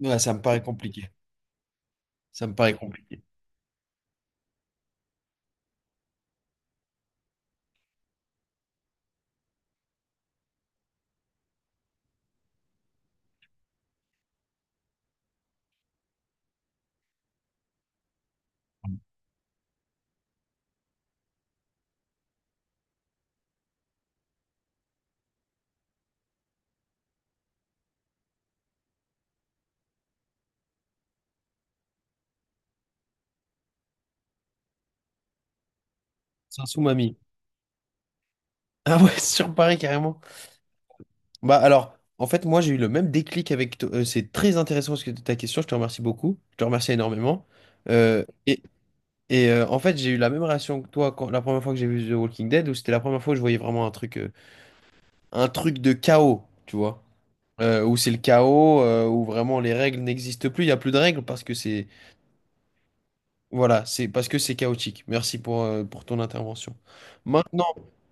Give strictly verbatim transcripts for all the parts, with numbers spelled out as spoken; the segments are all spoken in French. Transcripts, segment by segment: Ouais, ça me paraît compliqué. Ça me paraît compliqué. Sans mamie. Ah ouais, sur Paris carrément. Bah alors, en fait, moi j'ai eu le même déclic avec to- euh, c'est très intéressant ce que ta question, je te remercie beaucoup. Je te remercie énormément. Euh, et et euh, en fait, j'ai eu la même réaction que toi quand, la première fois que j'ai vu The Walking Dead, où c'était la première fois que je voyais vraiment un truc, euh, un truc de chaos, tu vois. Euh, où c'est le chaos, euh, où vraiment les règles n'existent plus, il n'y a plus de règles parce que c'est... Voilà, c'est parce que c'est chaotique. Merci pour, euh, pour ton intervention. Maintenant,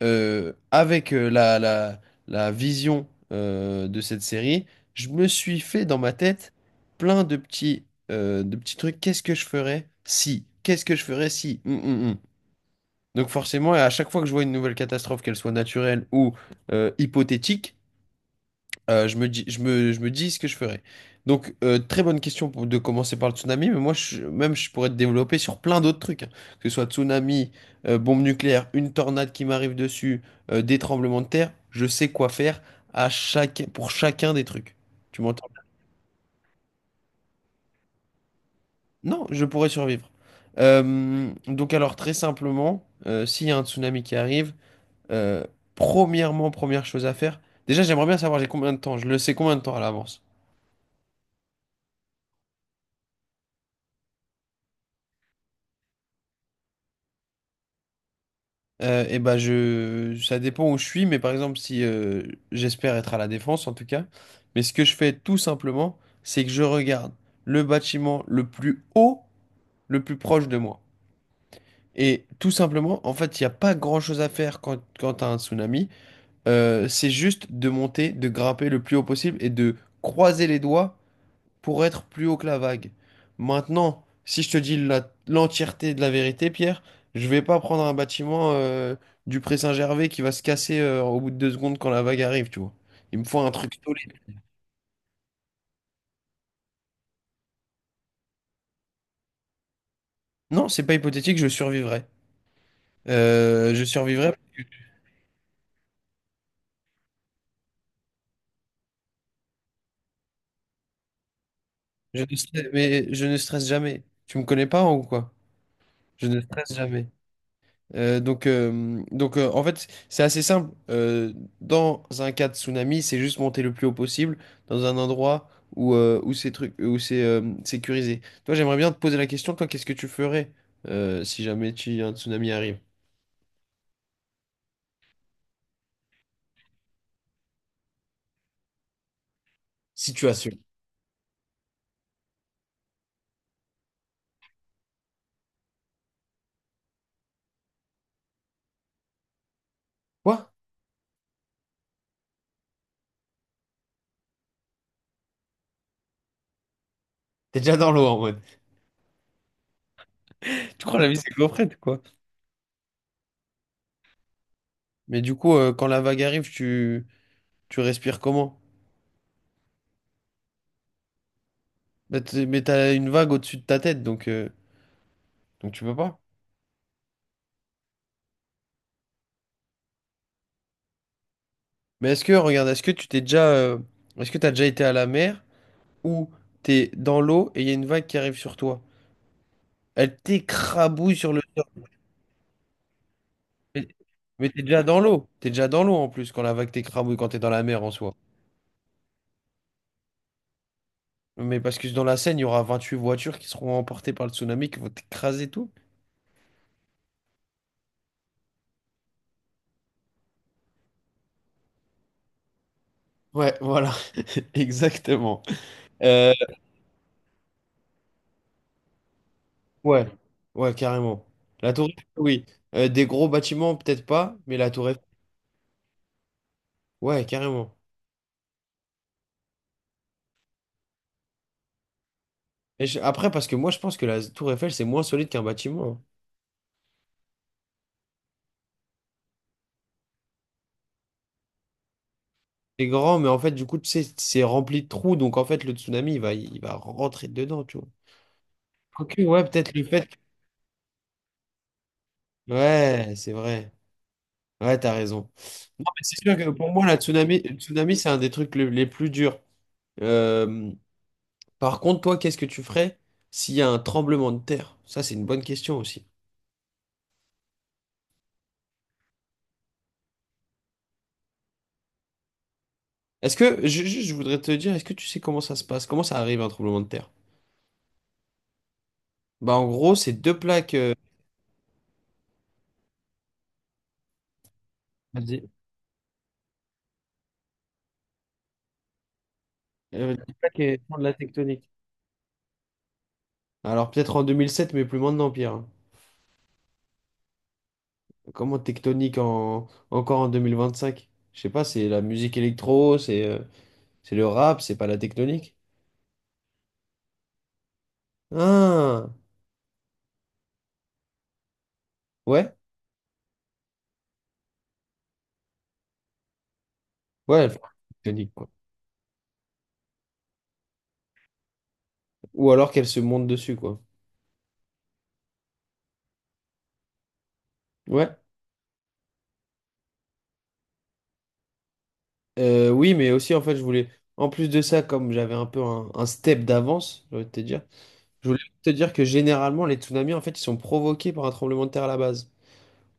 euh, avec euh, la, la, la vision euh, de cette série, je me suis fait dans ma tête plein de petits, euh, de petits trucs. Qu'est-ce que je ferais si? Qu'est-ce que je ferais si? Hum, hum, hum. Donc forcément, à chaque fois que je vois une nouvelle catastrophe, qu'elle soit naturelle ou euh, hypothétique, euh, je me dis, je me, je me dis ce que je ferais. Donc, euh, très bonne question pour- de commencer par le tsunami, mais moi, je- même, je pourrais te développer sur plein d'autres trucs, hein. Que ce soit tsunami, euh, bombe nucléaire, une tornade qui m'arrive dessus, euh, des tremblements de terre, je sais quoi faire à chaque, pour chacun des trucs. Tu m'entends? Non, je pourrais survivre. Euh, donc, alors, très simplement, euh, s'il y a un tsunami qui arrive, euh, premièrement, première chose à faire, déjà, j'aimerais bien savoir j'ai combien de temps, je le sais combien de temps à l'avance. Euh, et ben je, ça dépend où je suis, mais par exemple, si euh, j'espère être à la défense en tout cas, mais ce que je fais tout simplement, c'est que je regarde le bâtiment le plus haut, le plus proche de moi. Et tout simplement, en fait, il n'y a pas grand-chose à faire quand, quand tu as un tsunami. Euh, c'est juste de monter, de grimper le plus haut possible et de croiser les doigts pour être plus haut que la vague. Maintenant, si je te dis la- l'entièreté de la vérité, Pierre, je vais pas prendre un bâtiment euh, du Pré-Saint-Gervais qui va se casser euh, au bout de deux secondes quand la vague arrive, tu vois. Il me faut un truc solide. Non, c'est pas hypothétique, je survivrai. Euh, je survivrai, parce que je ne stresse- mais je ne stresse jamais. Tu me connais pas hein, ou quoi? Je ne stresse jamais. Euh, donc, euh, donc euh, en fait, c'est assez simple. Euh, dans un cas de tsunami, c'est juste monter le plus haut possible dans un endroit où, euh, où c'est truc, où c'est euh, sécurisé. Toi, j'aimerais bien te poser la question, toi, qu'est-ce que tu ferais euh, si jamais tu, un tsunami arrive? Situation. Quoi? T'es déjà dans l'eau en mode. Tu crois la vie c'est gaufrette, quoi. Mais du coup, euh, quand la vague arrive, tu, tu respires comment? Bah, t'es- mais t'as une vague au-dessus de ta tête, donc, euh, donc tu peux pas. Mais est-ce que, regarde, est-ce que tu t'es déjà, euh, est-ce que t'as déjà été à la mer? Où t'es dans l'eau et il y a une vague qui arrive sur toi. Elle t'écrabouille sur le sol. Mais, mais t'es déjà dans l'eau. T'es déjà dans l'eau en plus quand la vague t'écrabouille, quand t'es dans la mer en soi. Mais parce que dans la Seine, il y aura vingt-huit voitures qui seront emportées par le tsunami qui vont t'écraser tout. Ouais, voilà, exactement. Euh, Ouais, ouais, carrément. La tour Eiffel, oui. Euh, des gros bâtiments, peut-être pas, mais la tour Eiffel, ouais, carrément. Et je- après, parce que moi, je pense que la tour Eiffel, c'est moins solide qu'un bâtiment, hein. C'est grand, mais en fait, du coup, tu sais, c'est rempli de trous, donc en fait, le tsunami, il va, il va rentrer dedans, tu vois. Ok, ouais, peut-être le fait. Ouais, c'est vrai. Ouais, t'as raison. Non, mais c'est sûr que pour moi, la tsunami, le tsunami, c'est un des trucs le- les plus durs. Euh, Par contre, toi, qu'est-ce que tu ferais s'il y a un tremblement de terre? Ça, c'est une bonne question aussi. Est-ce que, ju- juste, je voudrais te dire, est-ce que tu sais comment ça se passe? Comment ça arrive un tremblement de terre? Bah, en gros, c'est deux plaques, euh, vas-y. Euh, des plaques qui font de la tectonique. Alors, peut-être en deux mille sept, mais plus maintenant, Pierre. Comment tectonique en, encore en deux mille vingt-cinq? Je sais pas, c'est la musique électro, c'est euh, c'est le rap, c'est pas la tectonique? Ah, ouais, ouais, elle tectonique, quoi. Ou alors qu'elle se monte dessus, quoi. Ouais, Euh, oui, mais aussi, en fait, je voulais, en plus de ça, comme j'avais un peu un, un step d'avance, je voulais te dire, je voulais te dire que généralement, les tsunamis, en fait, ils sont provoqués par un tremblement de terre à la base,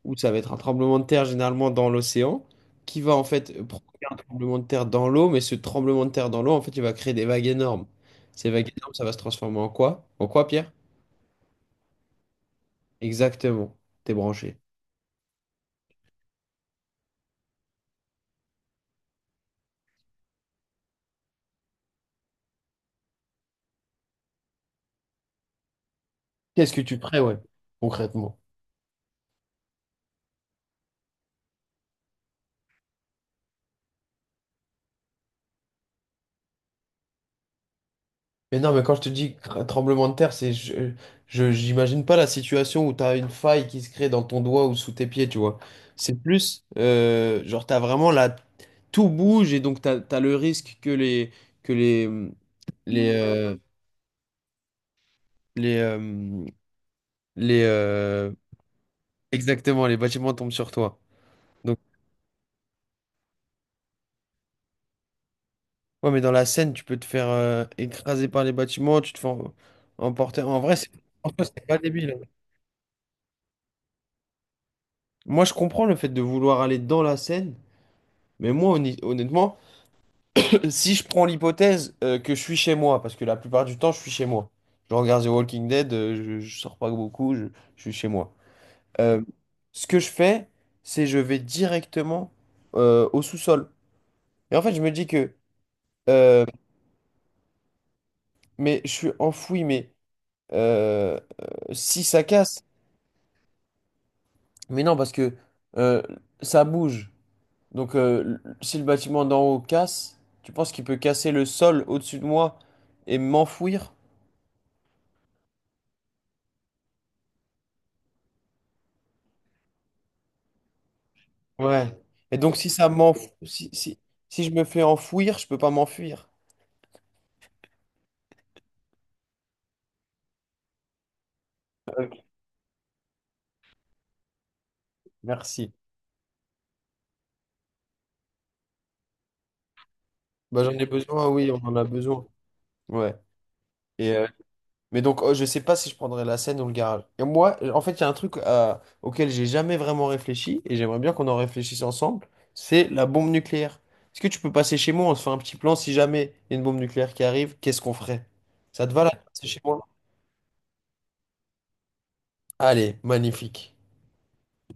où ça va être un tremblement de terre généralement dans l'océan, qui va en fait provoquer un tremblement de terre dans l'eau, mais ce tremblement de terre dans l'eau, en fait, il va créer des vagues énormes. Ces vagues énormes, ça va se transformer en quoi? En quoi, Pierre? Exactement. T'es branché. Qu'est-ce que tu prévois concrètement? Mais non, mais quand je te dis cr- tremblement de terre, c'est je, je- j'imagine pas la situation où t'as une faille qui se crée dans ton doigt ou sous tes pieds, tu vois. C'est plus euh, genre t'as vraiment la... tout bouge et donc t'as, t'as le risque que les que les les euh, les euh, les euh, exactement les bâtiments tombent sur toi. Donc ouais, mais dans la scène, tu peux te faire euh, écraser par les bâtiments, tu te fais em- emporter. En vrai, c'est en soi, c'est pas débile, hein. Moi, je comprends le fait de vouloir aller dans la scène. Mais moi, honni- honnêtement, si je prends l'hypothèse euh, que je suis chez moi, parce que la plupart du temps, je suis chez moi. Je regarde The Walking Dead, euh, je, je sors pas beaucoup, je, je suis chez moi. Euh, Ce que je fais, c'est je vais directement euh, au sous-sol. Et en fait, je me dis que, euh, mais je suis enfoui, mais euh, euh, si ça casse, mais non, parce que euh, ça bouge. Donc, euh, l- si le bâtiment d'en haut casse, tu penses qu'il peut casser le sol au-dessus de moi et m'enfouir? Ouais. Et donc, si ça m'enf... si, si, si je me fais enfouir, je peux pas m'enfuir. Ok. Merci. Bah, j'en ai besoin, oui, on en a besoin. Ouais. Et, euh, mais donc, oh, je sais pas si je prendrais la scène ou le garage. Et moi, en fait, il y a un truc euh, auquel j'ai jamais vraiment réfléchi, et j'aimerais bien qu'on en réfléchisse ensemble, c'est la bombe nucléaire. Est-ce que tu peux passer chez moi, on se fait un petit plan, si jamais il y a une bombe nucléaire qui arrive, qu'est-ce qu'on ferait? Ça te va là? C'est chez moi? Allez, magnifique.